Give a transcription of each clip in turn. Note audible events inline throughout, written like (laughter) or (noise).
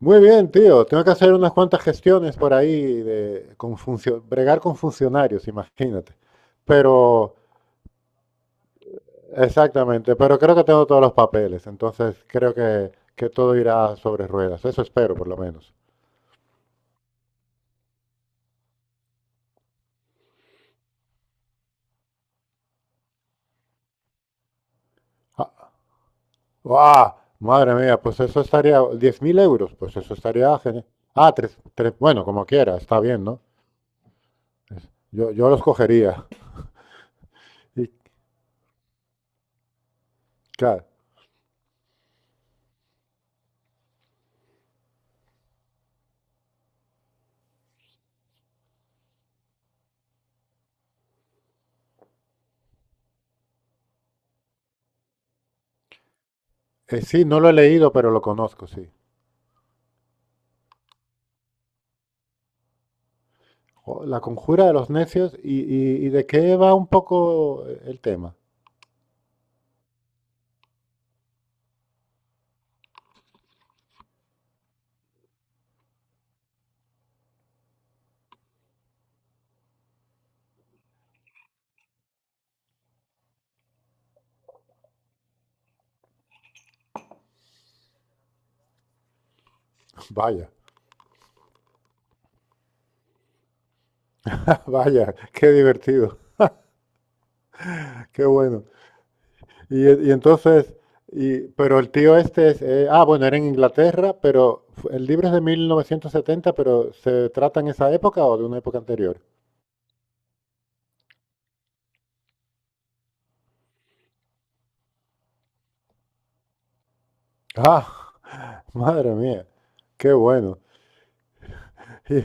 Muy bien, tío. Tengo que hacer unas cuantas gestiones por ahí bregar con funcionarios, imagínate. Pero, Exactamente, pero creo que tengo todos los papeles, entonces creo que todo irá sobre ruedas. Eso espero, por lo menos. Ah, ¡guau! Madre mía, pues eso estaría, 10.000 euros, pues eso estaría genial. Ah, tres, tres, bueno, como quiera, está bien, ¿no? Yo los cogería. (laughs) Y, claro, sí, no lo he leído, pero lo conozco, sí. Jo, La conjura de los necios y de qué va un poco el tema. (laughs) Vaya, (laughs) vaya, qué divertido, (laughs) qué bueno. Y entonces, pero el tío este es, bueno, era en Inglaterra, pero el libro es de 1970, pero ¿se trata en esa época o de una época anterior? Ah, (laughs) madre mía, qué bueno. Y,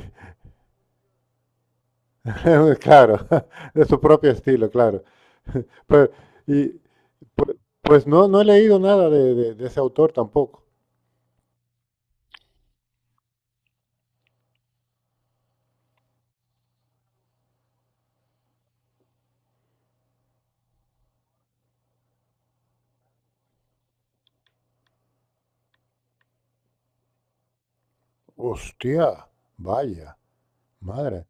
(laughs) claro, (laughs) de su propio estilo, claro. Pero, y, pues no, no he leído nada de ese autor tampoco. Hostia, vaya, madre.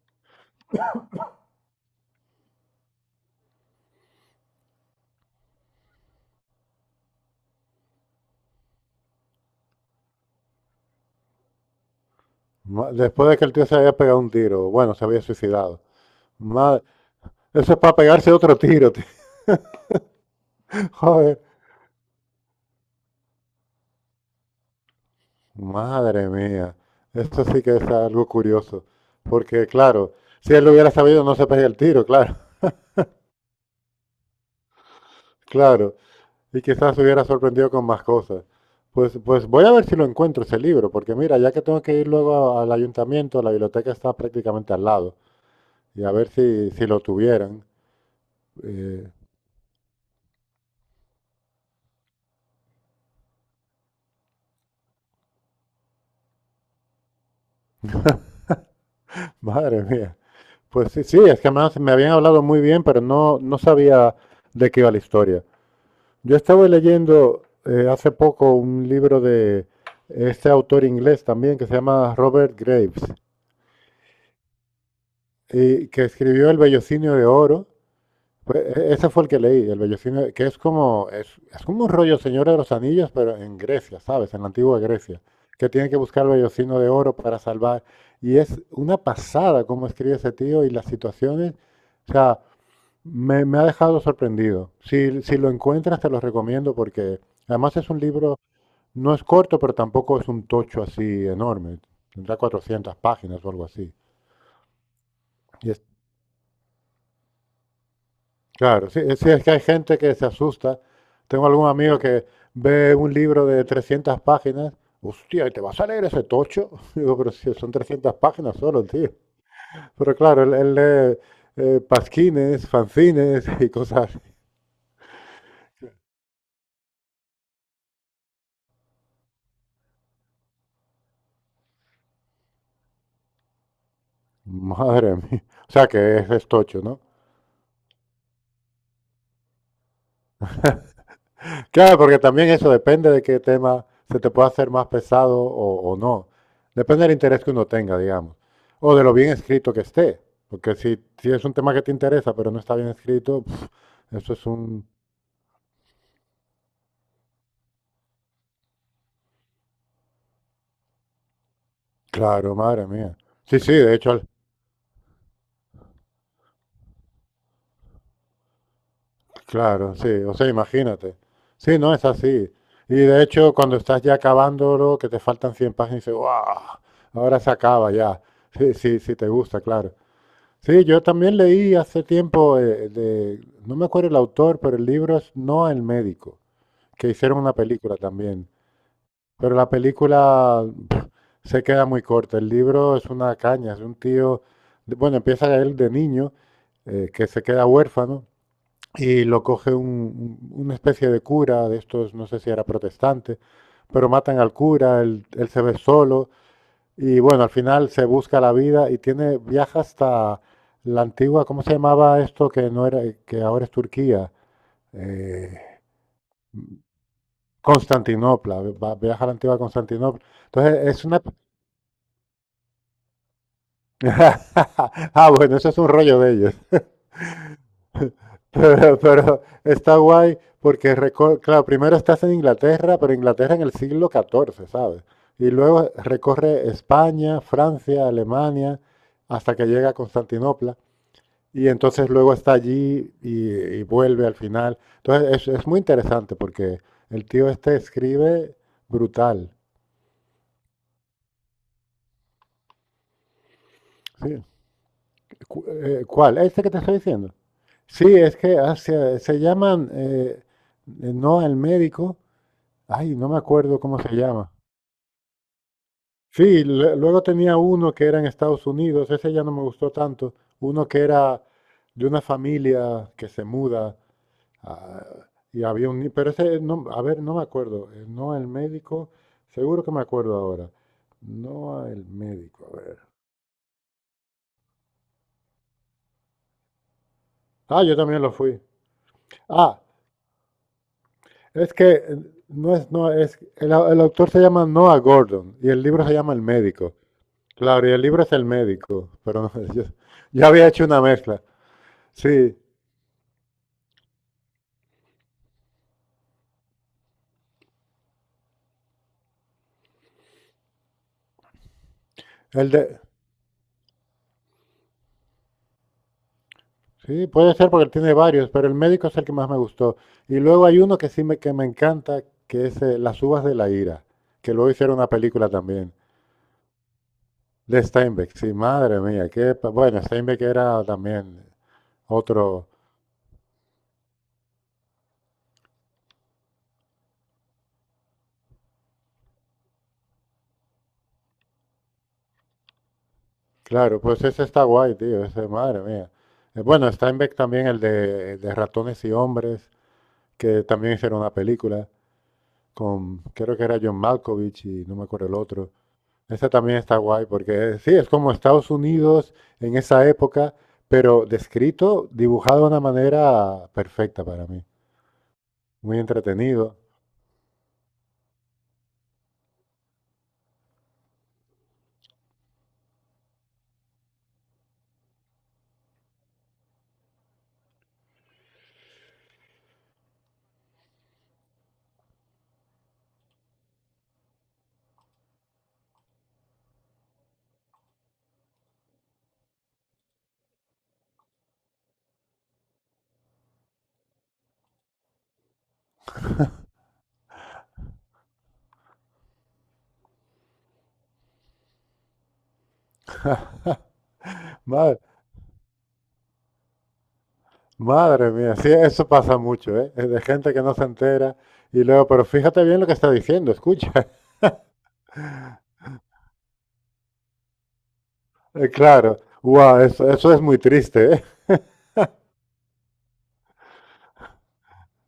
Después de que el tío se había pegado un tiro, bueno, se había suicidado. Madre, eso es para pegarse otro tiro, tío. (laughs) Joder, madre mía. Esto sí que es algo curioso. Porque, claro, si él lo hubiera sabido, no se pega el tiro, claro, (laughs) claro. Y quizás se hubiera sorprendido con más cosas. Pues voy a ver si lo encuentro ese libro, porque mira, ya que tengo que ir luego al ayuntamiento, la biblioteca está prácticamente al lado, y a ver si lo tuvieran. Eh, (laughs) Madre mía. Pues sí, sí, es que además me habían hablado muy bien, pero no, no sabía de qué iba la historia. Yo estaba leyendo hace poco un libro de este autor inglés también que se llama Robert Graves, y que escribió El Bellocinio de Oro. Pues, ese fue el que leí, El Bellocinio, que es como, es como un rollo Señora de los Anillos, pero en Grecia, ¿sabes? En la antigua Grecia, que tiene que buscar el Bellocino de Oro para salvar. Y es una pasada cómo escribe ese tío y las situaciones. O sea, me ha dejado sorprendido. Si lo encuentras, te lo recomiendo porque además es un libro, no es corto, pero tampoco es un tocho así enorme. Tendrá 400 páginas o algo así. Y es- claro, sí, sí, es que hay gente que se asusta. Tengo algún amigo que ve un libro de 300 páginas. Hostia, ¿y te vas a leer ese tocho? (laughs) Digo, pero si son 300 páginas solo, tío. Pero claro, él lee pasquines, fanzines y cosas. Así. Madre mía. O sea que es tocho, ¿no? Claro, porque también eso depende de qué tema se te pueda hacer más pesado o no. Depende del interés que uno tenga, digamos, o de lo bien escrito que esté. Porque si, si es un tema que te interesa, pero no está bien escrito, (sniffs) eso es un... Claro, madre mía. Sí, sí, de hecho, claro, sí. O sea, imagínate. Sí, no es así. Y de hecho, cuando estás ya acabándolo, que te faltan 100 páginas, dices, ¡guau! Ahora se acaba ya. Sí, sí, sí, te gusta, claro. Sí, yo también leí hace tiempo no me acuerdo el autor, pero el libro es No el médico, que hicieron una película también. Pero la película (smacks lips) se queda muy corta. El libro es una caña, es un tío, bueno, empieza él de niño, que se queda huérfano y lo coge una especie de cura de estos, no sé si era protestante, pero matan al cura, él se ve solo y bueno, al final se busca la vida y tiene, viaja hasta la antigua, ¿cómo se llamaba esto que no era, que ahora es Turquía? Eh, Constantinopla, viaja a la antigua Constantinopla. Entonces es una... (laughs) Ah, bueno, eso es un rollo de ellos. (laughs) Pero está guay porque, claro, primero estás en Inglaterra, pero Inglaterra en el siglo XIV, ¿sabes? Y luego recorre España, Francia, Alemania, hasta que llega a Constantinopla. Y entonces luego está allí y vuelve al final. Entonces es muy interesante porque el tío este escribe brutal. Sí. ¿Cuál? ¿Este que te estoy diciendo? Sí, es que se llaman, no al médico, ay, no me acuerdo cómo se llama. Sí, luego tenía uno que era en Estados Unidos, ese ya no me gustó tanto, uno que era de una familia que se muda. Ah, y había un... Pero ese, no, a ver, no me acuerdo. No el médico, seguro que me acuerdo ahora. No el médico, a ver. Ah, yo también lo fui. Ah, es que no es, no es, el autor se llama Noah Gordon y el libro se llama El médico. Claro, y el libro es El médico, pero no, (laughs) yo había hecho una mezcla. Sí, el de, sí, puede ser porque tiene varios, pero el médico es el que más me gustó. Y luego hay uno que sí me, que me encanta, que es Las uvas de la ira, que luego hicieron una película también, de Steinbeck. Sí, madre mía, que bueno, Steinbeck era también otro, claro, pues ese está guay, tío, ese, madre mía. Bueno, Steinbeck también el de Ratones y Hombres, que también hicieron una película con, creo que era John Malkovich y no me acuerdo el otro. Esa también está guay porque sí, es como Estados Unidos en esa época, pero descrito, dibujado de una manera perfecta para mí. Muy entretenido. Madre, madre mía, sí, eso pasa mucho, ¿eh? Es de gente que no se entera y luego, pero fíjate bien lo que está diciendo, escucha. (laughs) Claro, wow, eso es muy triste, ¿eh?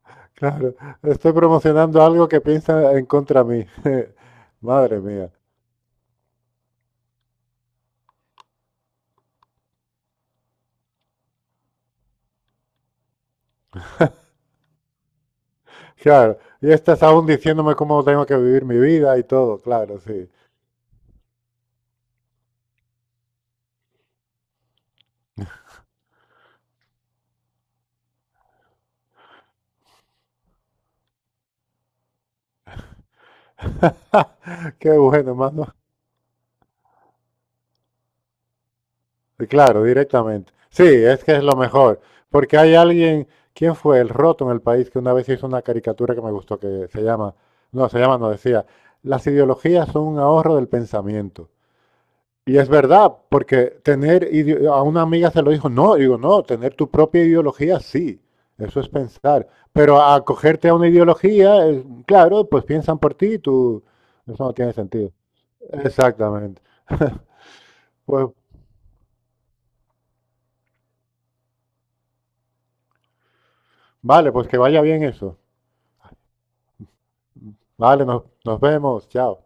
(laughs) Claro, estoy promocionando algo que piensa en contra mí. (laughs) Madre mía. Claro, y estás aún diciéndome cómo tengo que vivir mi vida y todo, claro, sí. (laughs) Qué bueno, mano. Sí, claro, directamente. Sí, es que es lo mejor. Porque hay alguien, ¿quién fue el roto en el país que una vez hizo una caricatura que me gustó, que se llama, no decía, las ideologías son un ahorro del pensamiento? Y es verdad, porque a una amiga se lo dijo, no, digo, no, tener tu propia ideología, sí, eso es pensar. Pero acogerte a una ideología, claro, pues piensan por ti y tú, eso no tiene sentido. Exactamente. Pues Vale, pues que vaya bien eso. Vale, nos vemos. Chao.